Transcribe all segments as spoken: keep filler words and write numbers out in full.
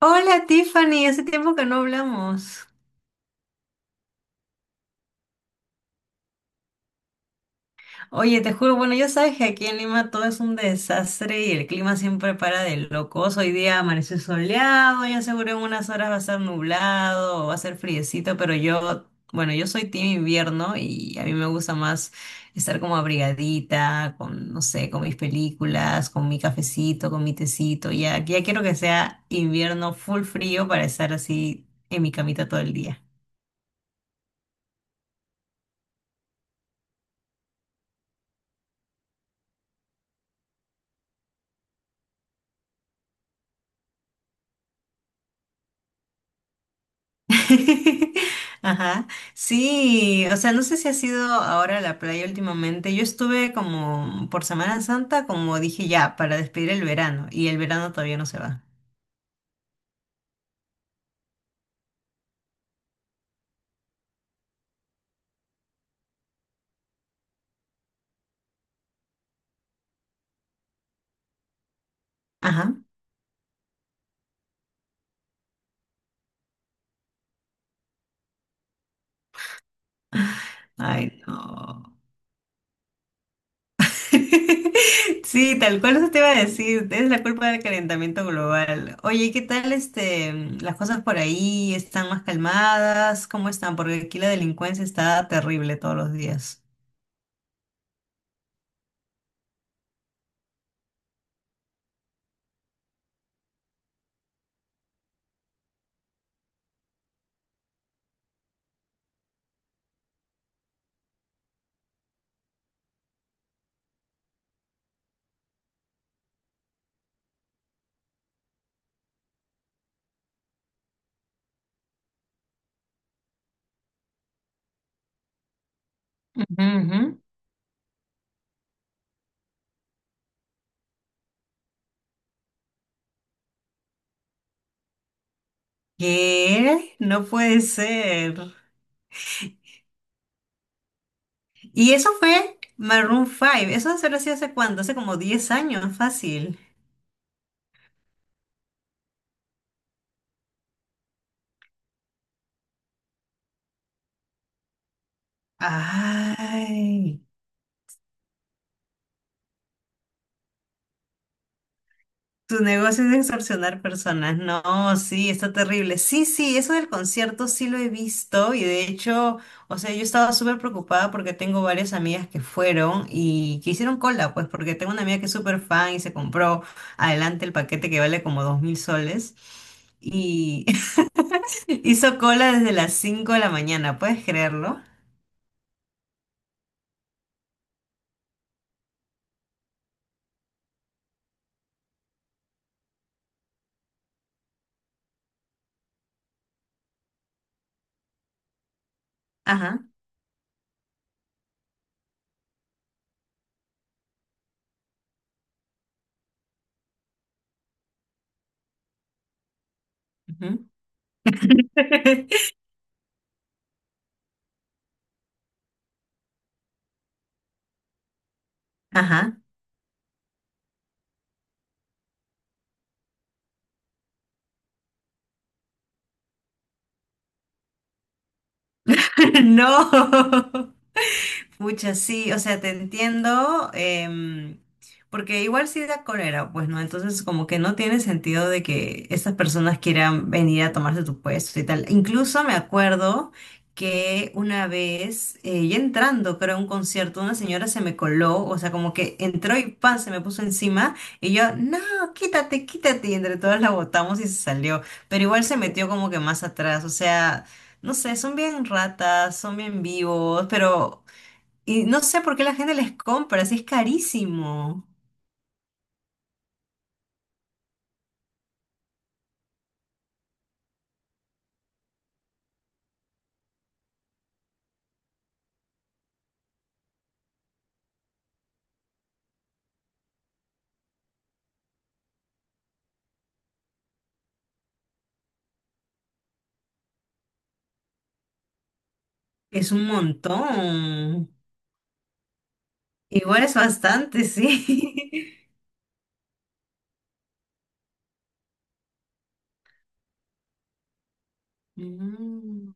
Hola Tiffany, hace tiempo que no hablamos. Oye, te juro, bueno, ya sabes que aquí en Lima todo es un desastre y el clima siempre para de locos. Hoy día amaneció soleado, ya seguro en unas horas va a ser nublado, va a ser friecito, pero yo, bueno, yo soy team invierno y a mí me gusta más estar como abrigadita, con, no sé, con mis películas, con mi cafecito, con mi tecito. Ya, ya quiero que sea invierno full frío para estar así en mi camita todo el día. Ajá. Sí, o sea, no sé si has ido ahora a la playa últimamente. Yo estuve como por Semana Santa, como dije ya, para despedir el verano, y el verano todavía no se va. Ajá. Ay, no. Sí, tal cual eso te iba a decir, es la culpa del calentamiento global. Oye, ¿y ¿qué tal este, las cosas por ahí? ¿Están más calmadas? ¿Cómo están? Porque aquí la delincuencia está terrible todos los días. Ujú, ujú. ¿Qué? No puede ser. Y eso fue Maroon cinco. Eso se lo hacía hace cuánto, hace como diez años, fácil. Ay, tu negocio es de extorsionar personas. No, sí, está terrible. Sí, sí, eso del concierto sí lo he visto y de hecho, o sea, yo estaba súper preocupada porque tengo varias amigas que fueron y que hicieron cola, pues porque tengo una amiga que es súper fan y se compró adelante el paquete que vale como dos mil soles y hizo cola desde las cinco de la mañana, ¿puedes creerlo? Ajá. Ajá. No. Muchas sí, o sea, te entiendo, em, porque igual sí da cólera, pues no, entonces como que no tiene sentido de que estas personas quieran venir a tomarse tu puesto y tal. Incluso me acuerdo que una vez, eh, ya entrando, creo, a un concierto, una señora se me coló, o sea, como que entró y pan, se me puso encima y yo, no, quítate, quítate, y entre todas la botamos y se salió, pero igual se metió como que más atrás, o sea. No sé, son bien ratas, son bien vivos, pero y no sé por qué la gente les compra, si es carísimo. Es un montón. Igual es bastante, sí. Mm,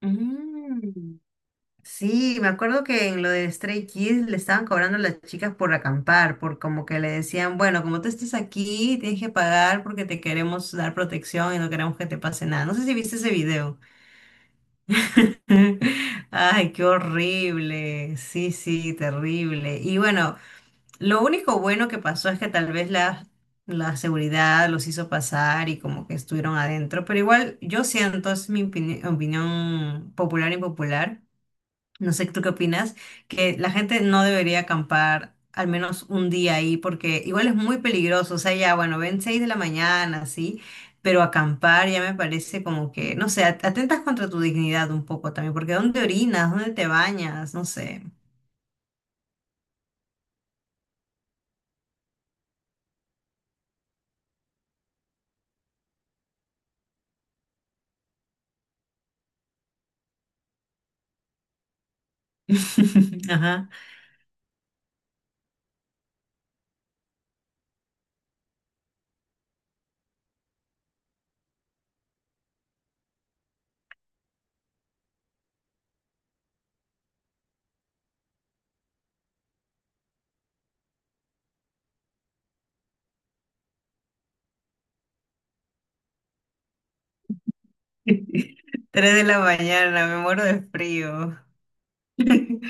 mm. Sí, me acuerdo que en lo de Stray Kids le estaban cobrando a las chicas por acampar, por como que le decían, bueno, como tú estés aquí, tienes que pagar porque te queremos dar protección y no queremos que te pase nada. No sé si viste ese video. Ay, qué horrible. Sí, sí, terrible. Y bueno. Lo único bueno que pasó es que tal vez la, la seguridad los hizo pasar y como que estuvieron adentro, pero igual yo siento, es mi opini- opinión popular y popular, no sé tú qué opinas, que la gente no debería acampar al menos un día ahí porque igual es muy peligroso, o sea, ya bueno, ven seis de la mañana, sí, pero acampar ya me parece como que, no sé, at- atentas contra tu dignidad un poco también, porque ¿dónde orinas? ¿Dónde te bañas? No sé. Ajá. Tres de la mañana, me muero de frío.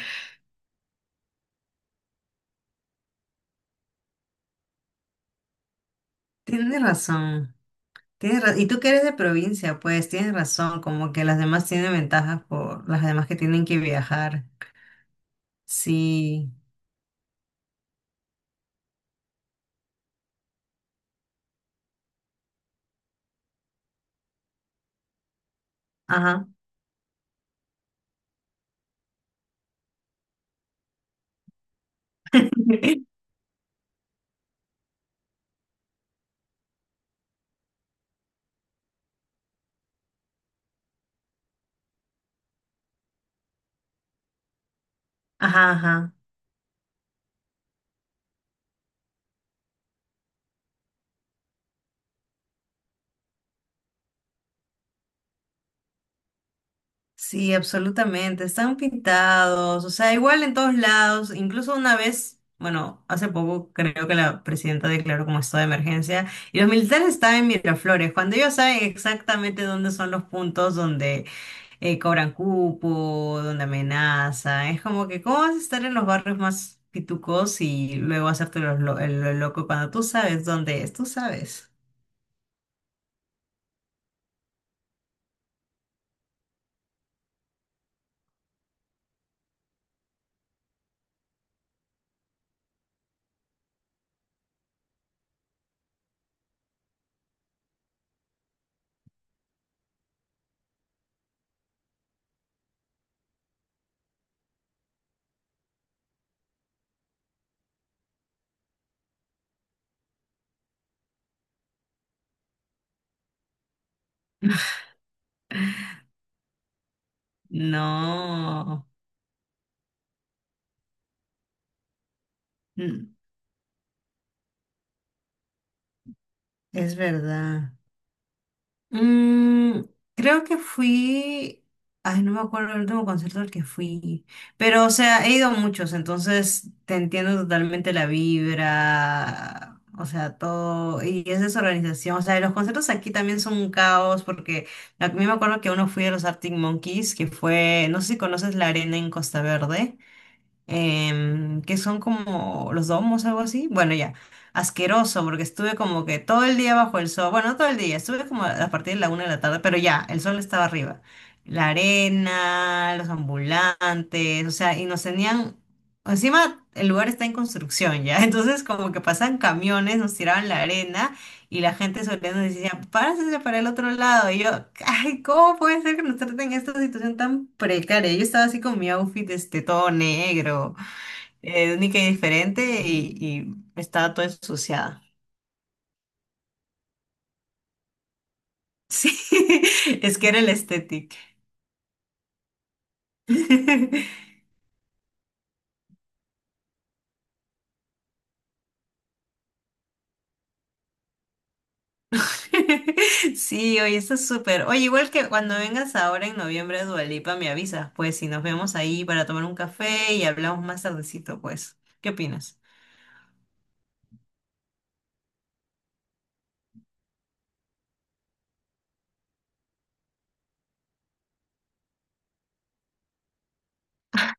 Tienes razón. Tienes ra- y tú que eres de provincia, pues tienes razón, como que las demás tienen ventajas por las demás que tienen que viajar. Sí, ajá. Ajá, ajá. Sí, absolutamente. Están pintados, o sea, igual en todos lados. Incluso una vez, bueno, hace poco creo que la presidenta declaró como estado de emergencia y los militares estaban en Miraflores, cuando ellos saben exactamente dónde son los puntos donde eh, cobran cupo, donde amenazan. Es como que, ¿cómo vas a estar en los barrios más pitucos y luego hacerte los lo- el lo loco cuando tú sabes dónde es? Tú sabes. No, mm, es verdad. Mm, creo que fui, ay, no me acuerdo el último concierto al que fui, pero o sea, he ido a muchos, entonces te entiendo totalmente la vibra, o sea, todo, y es desorganización, o sea, los conciertos aquí también son un caos, porque a mí me acuerdo que uno fui a los Arctic Monkeys, que fue, no sé si conoces la arena en Costa Verde em, que son como los domos, algo así. Bueno, ya, asqueroso, porque estuve como que todo el día bajo el sol, bueno, no todo el día, estuve como a partir de la una de la tarde, pero ya, el sol estaba arriba. La arena, los ambulantes, o sea, y nos tenían, encima el lugar está en construcción ya, entonces como que pasan camiones, nos tiraban la arena y la gente sonriendo decía, párese para el otro lado. Y yo, ay, ¿cómo puede ser que nos traten en esta situación tan precaria? Yo estaba así con mi outfit, este, todo negro, eh, única y diferente, y, y estaba toda ensuciada. Sí, es que era el estético. Sí, oye, está súper. Oye, igual que cuando vengas ahora en noviembre a Dua Lipa, me avisas, pues, si nos vemos ahí para tomar un café y hablamos más tardecito, pues. ¿Qué opinas?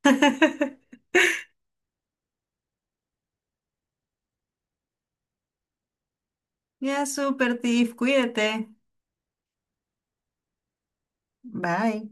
Ya, súper, Tiff, cuídate. Bye.